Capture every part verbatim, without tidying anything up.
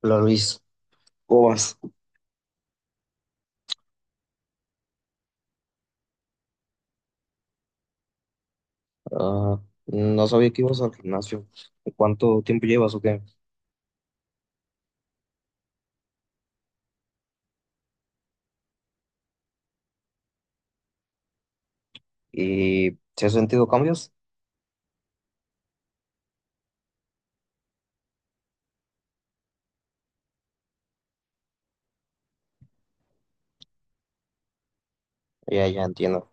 Hola Luis, ¿cómo vas? Ah, no sabía que ibas al gimnasio. ¿Cuánto tiempo llevas o qué? ¿Y si has sentido cambios? Ya, ya entiendo.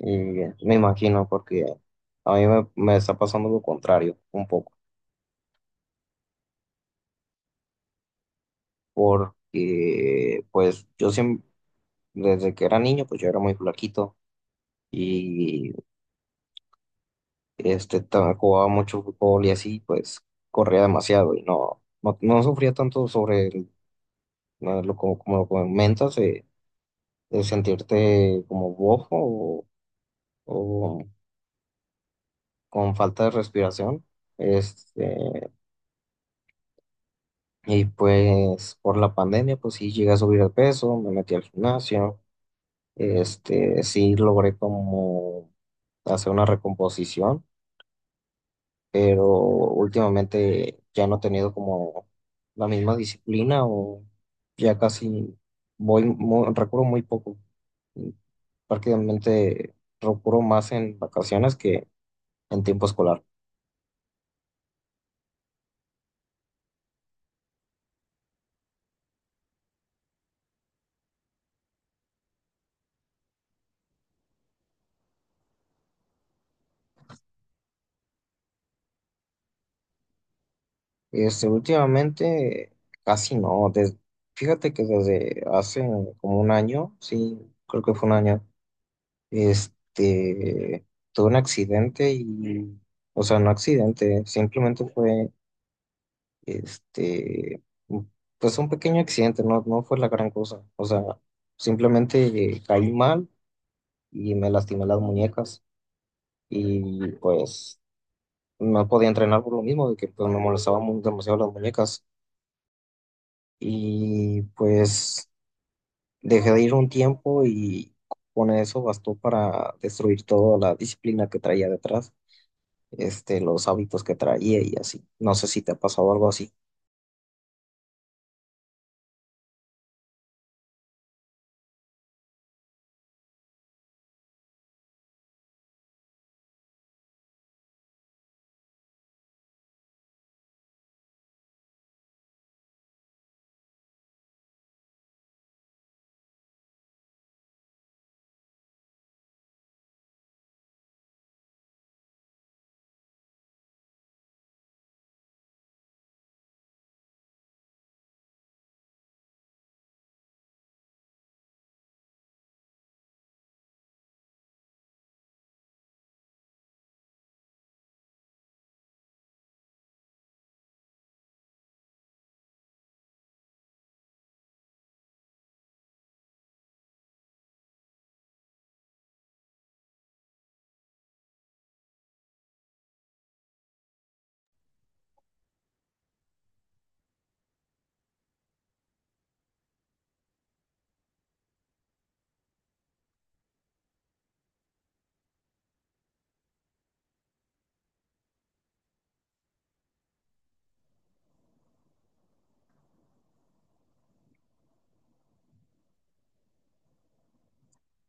Y me imagino porque a mí me, me está pasando lo contrario un poco. Porque pues yo siempre, desde que era niño, pues yo era muy flaquito y este, ta- jugaba mucho fútbol y así, pues corría demasiado y no, no, no sufría tanto sobre el- lo como, como lo comentas. Eh, de sentirte como bofo o, o con falta de respiración. Este, y pues por la pandemia, pues sí llegué a subir de peso, me metí al gimnasio, este, sí logré como hacer una recomposición, pero últimamente ya no he tenido como la misma disciplina o ya casi voy, mu- recurro muy poco. Prácticamente recurro más en vacaciones que en tiempo escolar. Este, últimamente casi no. des- fíjate que desde hace como un año, sí, creo que fue un año, este, tuve un accidente y, o sea, no accidente, simplemente fue, este, pues un pequeño accidente, no, no fue la gran cosa. O sea, simplemente caí mal y me lastimé las muñecas y pues no podía entrenar por lo mismo, de que pues, me molestaban mu- demasiado las muñecas. Y pues dejé de ir un tiempo y con eso bastó para destruir toda la disciplina que traía detrás, este, los hábitos que traía y así. No sé si te ha pasado algo así.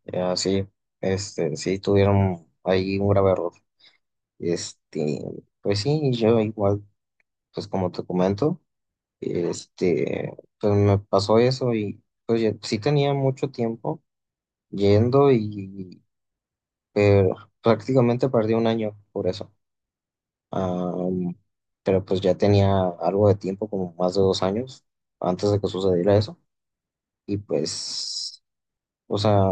Eh, Así, este, sí tuvieron ahí un grave error. Este, pues sí, yo igual, pues como te comento, este, pues me pasó eso y pues ya- sí tenía mucho tiempo yendo y pero prácticamente perdí un año por eso. Am, pero pues ya tenía algo de tiempo, como más de dos años, antes de que sucediera eso. Y pues, o sea,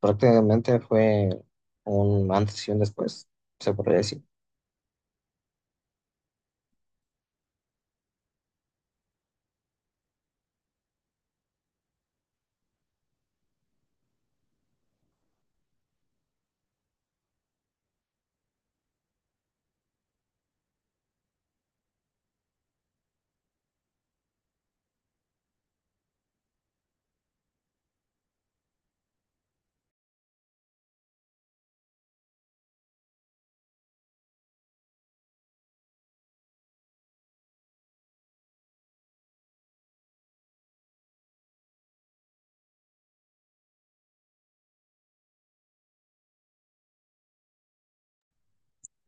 prácticamente fue un antes y un después, se podría decir.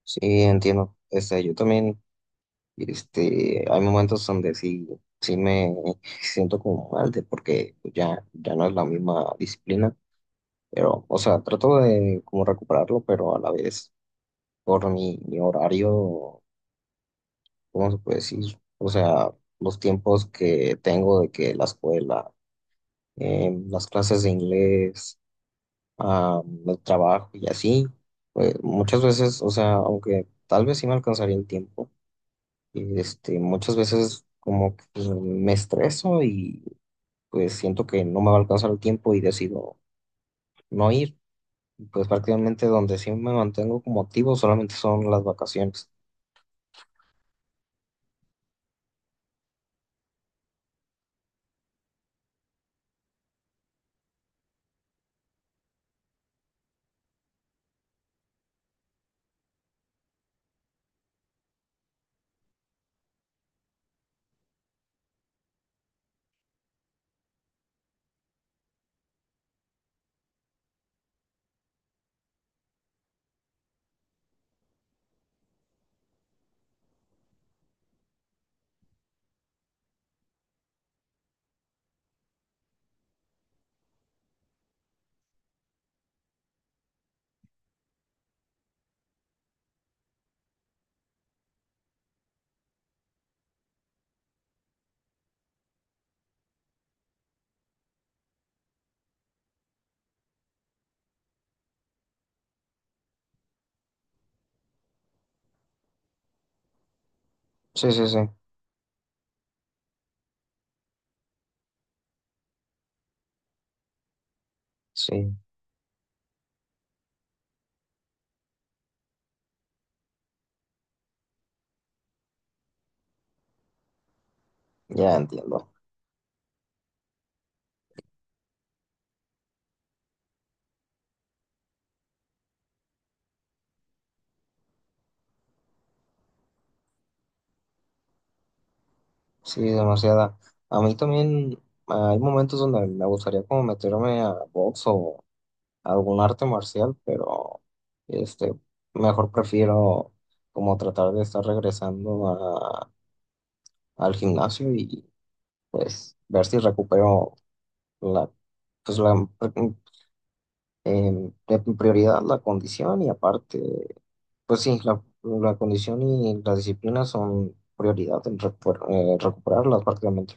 Sí, entiendo. Este, yo también, este, hay momentos donde sí, sí me siento como mal de porque ya, ya no es la misma disciplina. Pero, o sea, trato de como recuperarlo, pero a la vez por mi, mi horario. ¿Cómo se puede decir? O sea, los tiempos que tengo de que la escuela, eh, las clases de inglés, ah, el trabajo y así, pues muchas veces, o sea, aunque tal vez sí me alcanzaría el tiempo, este, muchas veces como que pues, me estreso y pues siento que no me va a alcanzar el tiempo y decido no ir. Y pues prácticamente donde sí me mantengo como activo solamente son las vacaciones. Sí, sí, sí, sí, ya entiendo. Sí, demasiada. A mí también ah, hay momentos donde me gustaría como meterme a box o algún arte marcial, pero este, mejor prefiero como tratar de estar regresando a- al gimnasio y pues ver si recupero la, pues la em, en prioridad la condición y aparte, pues sí, la, la condición y la disciplina son prioridad en recu- eh, recuperarlas prácticamente.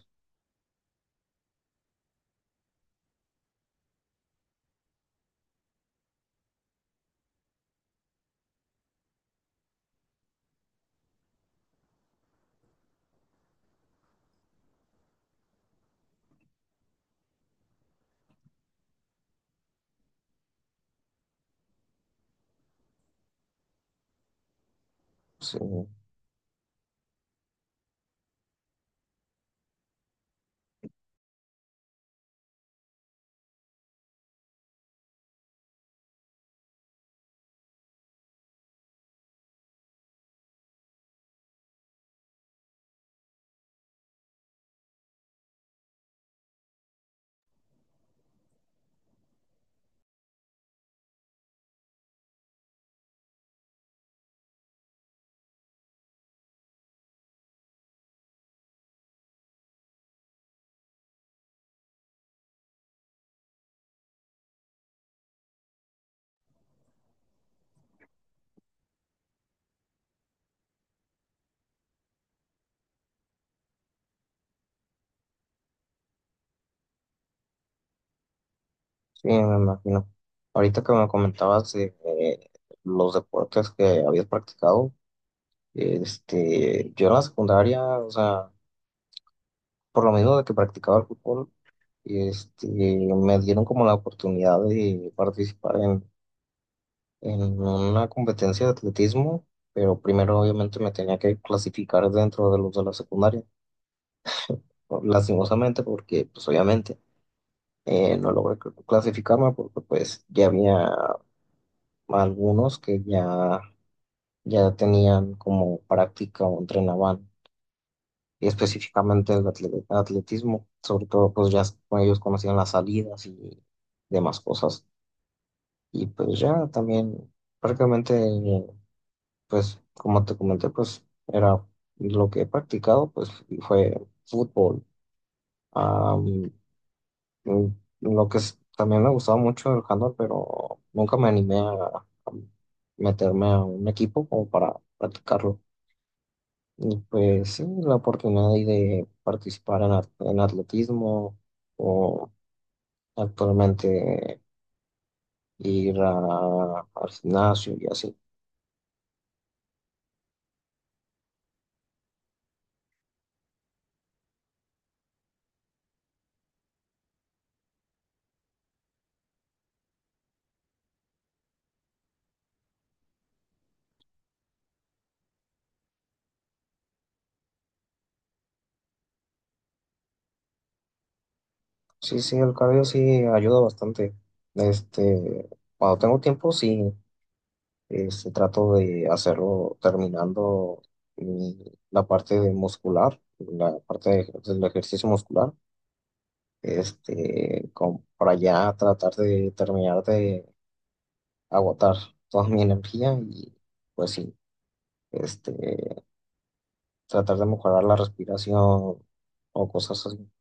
Sí. Sí, me imagino. Ahorita que me comentabas de, eh, los deportes que habías practicado, este, yo en la secundaria, o sea, por lo menos de que practicaba el fútbol, este, me dieron como la oportunidad de participar en, en una competencia de atletismo, pero primero obviamente me tenía que clasificar dentro de los de la secundaria, lastimosamente, porque pues obviamente eh, no logré cl- clasificarme porque pues ya había algunos que ya ya tenían como práctica o entrenaban específicamente el atle- atletismo, sobre todo pues ya con ellos conocían las salidas y demás cosas. Y pues ya también prácticamente, pues como te comenté, pues era lo que he practicado, pues fue fútbol. Am, mm, lo que es- también me gustaba mucho el handball, pero nunca me animé a a meterme a un equipo como para practicarlo. Y pues sí, la oportunidad ahí de participar en, at- en atletismo o actualmente ir a- al gimnasio y así. Sí, sí, el cabello sí ayuda bastante. Este, Cuando tengo tiempo, sí, este, trato de hacerlo terminando mi- la parte de muscular, la parte de- del ejercicio muscular, este, como para ya tratar de terminar de agotar toda mi energía y pues sí, este, tratar de mejorar la respiración o cosas así.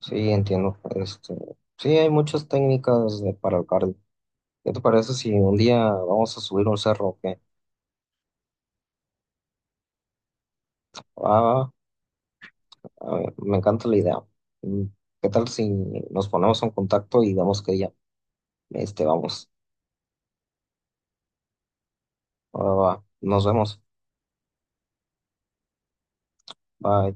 Sí, entiendo. Este, sí, hay muchas técnicas de- para el cardio. ¿Qué te parece si un día vamos a subir un cerro, o qué? Ah, ah, me encanta la idea. Mm, ¿Qué tal si nos ponemos en contacto y vemos qué día? Este, vamos. Ahora va. Nos vemos. Bye.